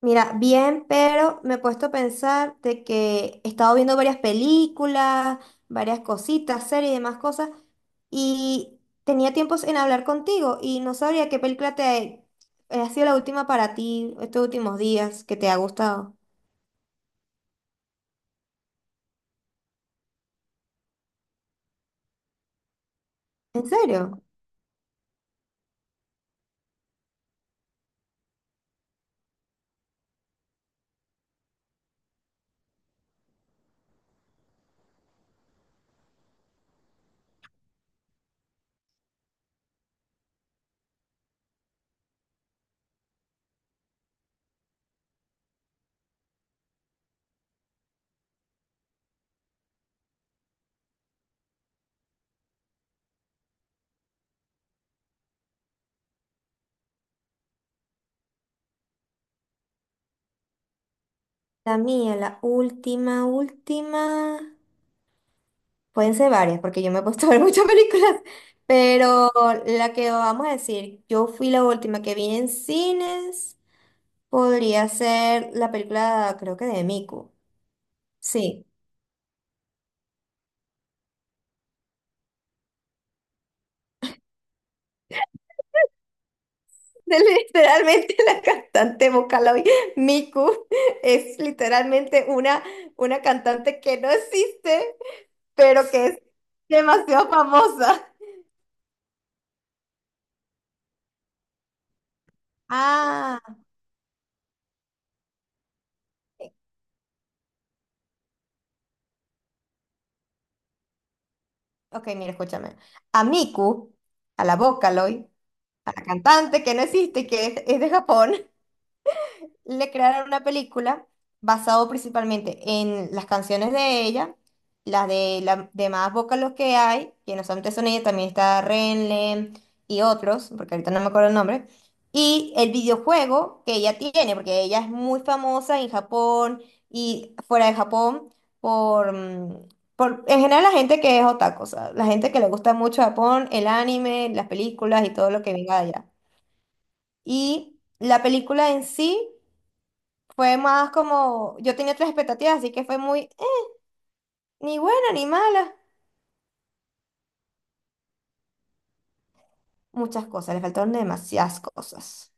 Mira, bien, pero me he puesto a pensar de que he estado viendo varias películas, varias cositas, series y demás cosas, y tenía tiempos en hablar contigo y no sabría qué película te ha sido la última para ti estos últimos días que te ha gustado. ¿En serio? La mía, la última, última. Pueden ser varias, porque yo me he puesto a ver muchas películas, pero la que vamos a decir, yo fui la última que vi en cines. Podría ser la película, creo que de Miku. Sí. De- Literalmente la cantante vocal hoy, Miku, es literalmente una cantante que no existe, pero que es demasiado famosa. Ah, ok, mira, escúchame. A Miku, a la Vocaloid, a la cantante que no existe y que es de Japón, le crearon una película basado principalmente en las canciones de ella, las de las demás los que hay, que no solamente son ella, también está Renle y otros, porque ahorita no me acuerdo el nombre, y el videojuego que ella tiene, porque ella es muy famosa en Japón y fuera de Japón por… Por, en general la gente que es otaku, o sea, la gente que le gusta mucho Japón, el anime, las películas y todo lo que venga de allá. Y la película en sí fue más como, yo tenía otras expectativas, así que fue muy, ni buena ni mala. Muchas cosas, le faltaron demasiadas cosas.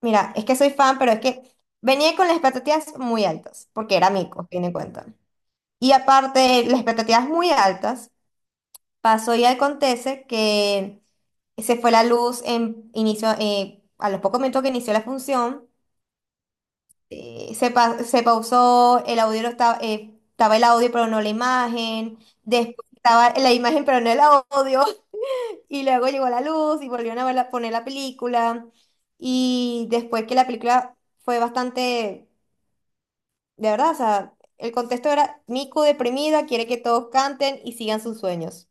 Mira, es que soy fan, pero es que venía con las expectativas muy altas, porque era mico, tiene cuenta. Y aparte, de las expectativas muy altas, pasó y acontece que se fue la luz en inicio, a los pocos minutos que inició la función. Se pausó, el audio no estaba, estaba el audio pero no la imagen, después estaba la imagen pero no el audio, y luego llegó la luz y volvieron a poner la película, y después que la película fue bastante, de verdad, o sea, el contexto era Miku deprimida, quiere que todos canten y sigan sus sueños.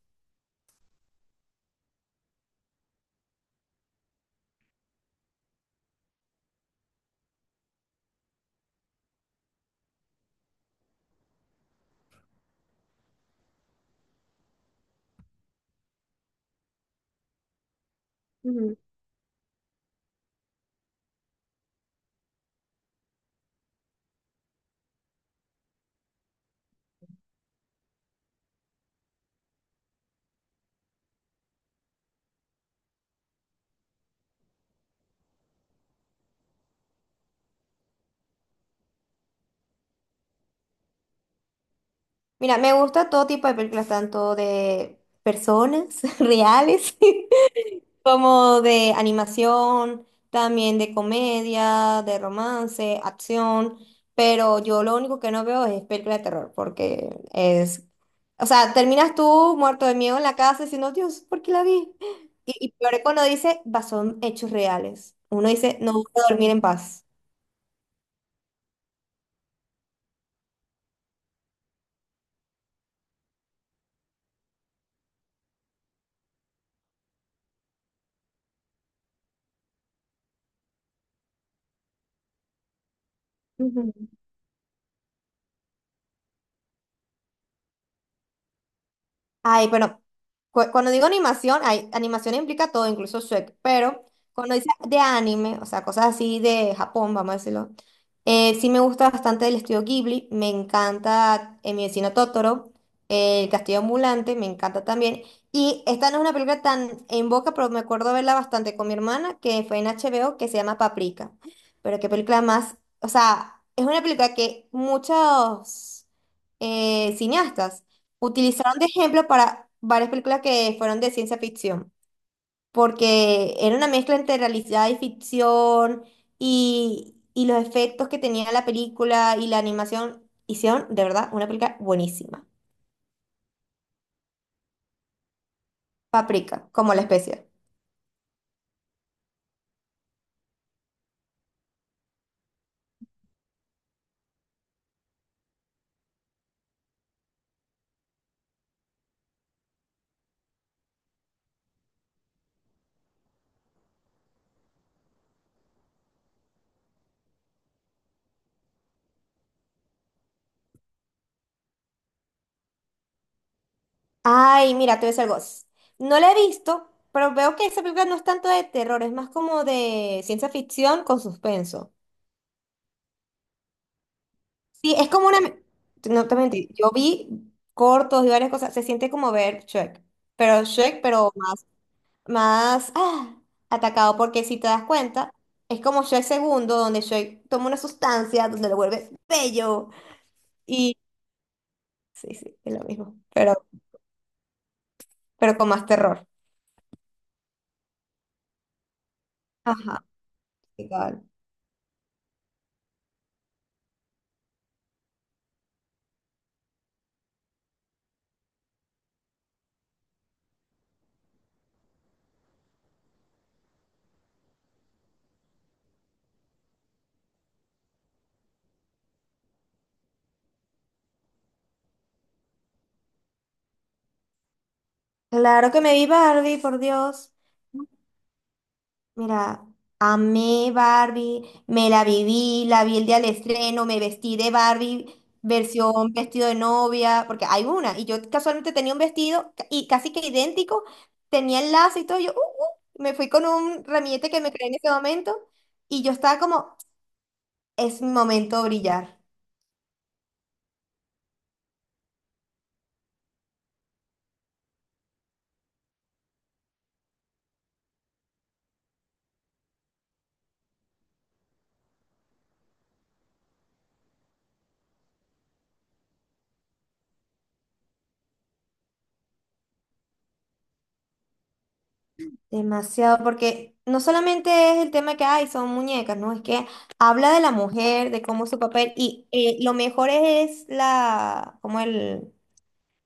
Ujú. Mira, me gusta todo tipo de películas, tanto de personas reales como de animación, también de comedia, de romance, acción, pero yo lo único que no veo es película de terror, porque es, o sea, terminas tú muerto de miedo en la casa diciendo, Dios, ¿por qué la vi? Y peor es cuando dice, "Bah, son hechos reales". Uno dice, no voy a dormir en paz. Ay, pero cuando digo animación, hay, animación implica todo, incluso Shrek, pero cuando dice de anime, o sea, cosas así de Japón, vamos a decirlo, sí me gusta bastante el estudio Ghibli, me encanta Mi vecino Totoro, El castillo ambulante, me encanta también, y esta no es una película tan en boca, pero me acuerdo verla bastante con mi hermana, que fue en HBO, que se llama Paprika, pero qué película más, o sea, es una película que muchos cineastas utilizaron de ejemplo para varias películas que fueron de ciencia ficción, porque era una mezcla entre realidad y ficción y los efectos que tenía la película y la animación. Hicieron, de verdad, una película buenísima. Paprika, como la especie. Ay, mira, te voy a decir algo. No la he visto, pero veo que esa película no es tanto de terror, es más como de ciencia ficción con suspenso. Sí, es como una… No te mentí, yo vi cortos y varias cosas, se siente como ver Shrek, pero más, más atacado, porque si te das cuenta, es como Shrek segundo, donde Shrek toma una sustancia, donde lo vuelve bello, y sí, sí, es lo mismo, pero con más terror. Ajá, igual. Claro que me vi Barbie, por Dios. Mira, amé Barbie, me la viví, la vi el día del estreno, me vestí de Barbie, versión vestido de novia, porque hay una, y yo casualmente tenía un vestido y casi que idéntico, tenía el lazo y todo, yo me fui con un ramillete que me creé en ese momento, y yo estaba como, es mi momento de brillar, demasiado, porque no solamente es el tema que hay, son muñecas, ¿no? Es que habla de la mujer, de cómo es su papel, y lo mejor es la, como el…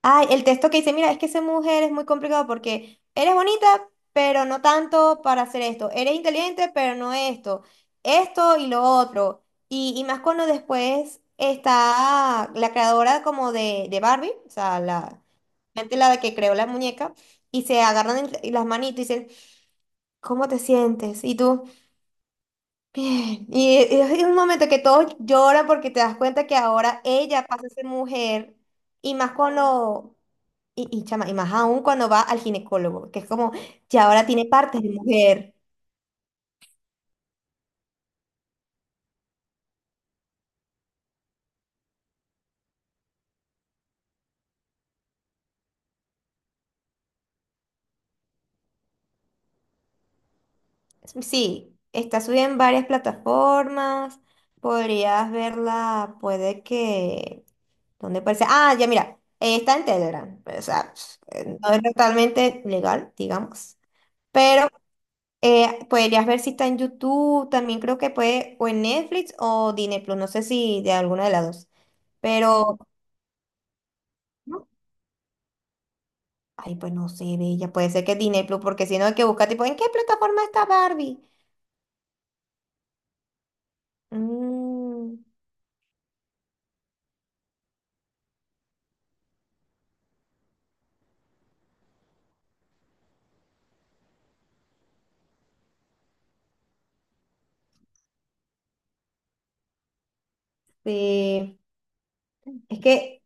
Ay, el texto que dice, mira, es que ser mujer es muy complicado porque eres bonita, pero no tanto para hacer esto. Eres inteligente, pero no esto. Esto y lo otro. Y más cuando después está la creadora como de Barbie, o sea, la gente la que creó la muñeca, y se agarran las manitos y dicen, ¿cómo te sientes? Y tú, bien. Y es un momento que todos lloran porque te das cuenta que ahora ella pasa a ser mujer. Y más Claro. Cuando y chama, y más aún cuando va al ginecólogo, que es como, ya ahora tiene partes de mujer. Sí, está subida en varias plataformas, podrías verla, puede que… ¿Dónde aparece? Ah, ya mira, está en Telegram, o sea, no es totalmente legal, digamos, pero podrías ver si está en YouTube, también creo que puede, o en Netflix o Disney Plus, no sé si de alguna de las dos, pero… ¿no? Ay, pues no sé, bella. Puede ser que es Disney Plus, porque si no hay que buscar, tipo, ¿en qué plataforma está Barbie? Mm, sí. Es que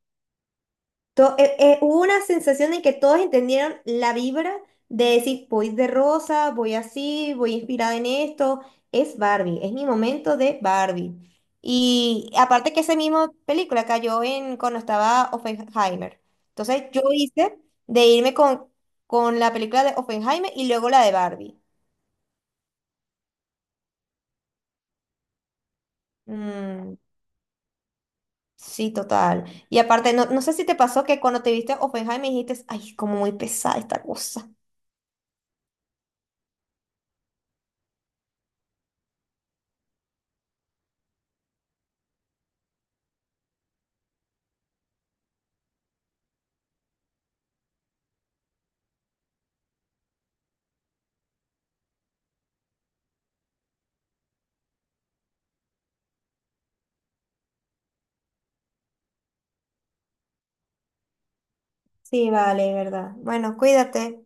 hubo una sensación en que todos entendieron la vibra de decir, voy de rosa, voy así, voy inspirada en esto. Es Barbie, es mi momento de Barbie. Y aparte que esa misma película cayó en cuando estaba Oppenheimer. Entonces yo hice de irme con la película de Oppenheimer y luego la de Barbie. Mm, sí, total. Y aparte, no, no sé si te pasó que cuando te viste Oppenheimer dijiste, ay, como muy pesada esta cosa. Sí, vale, verdad. Bueno, cuídate.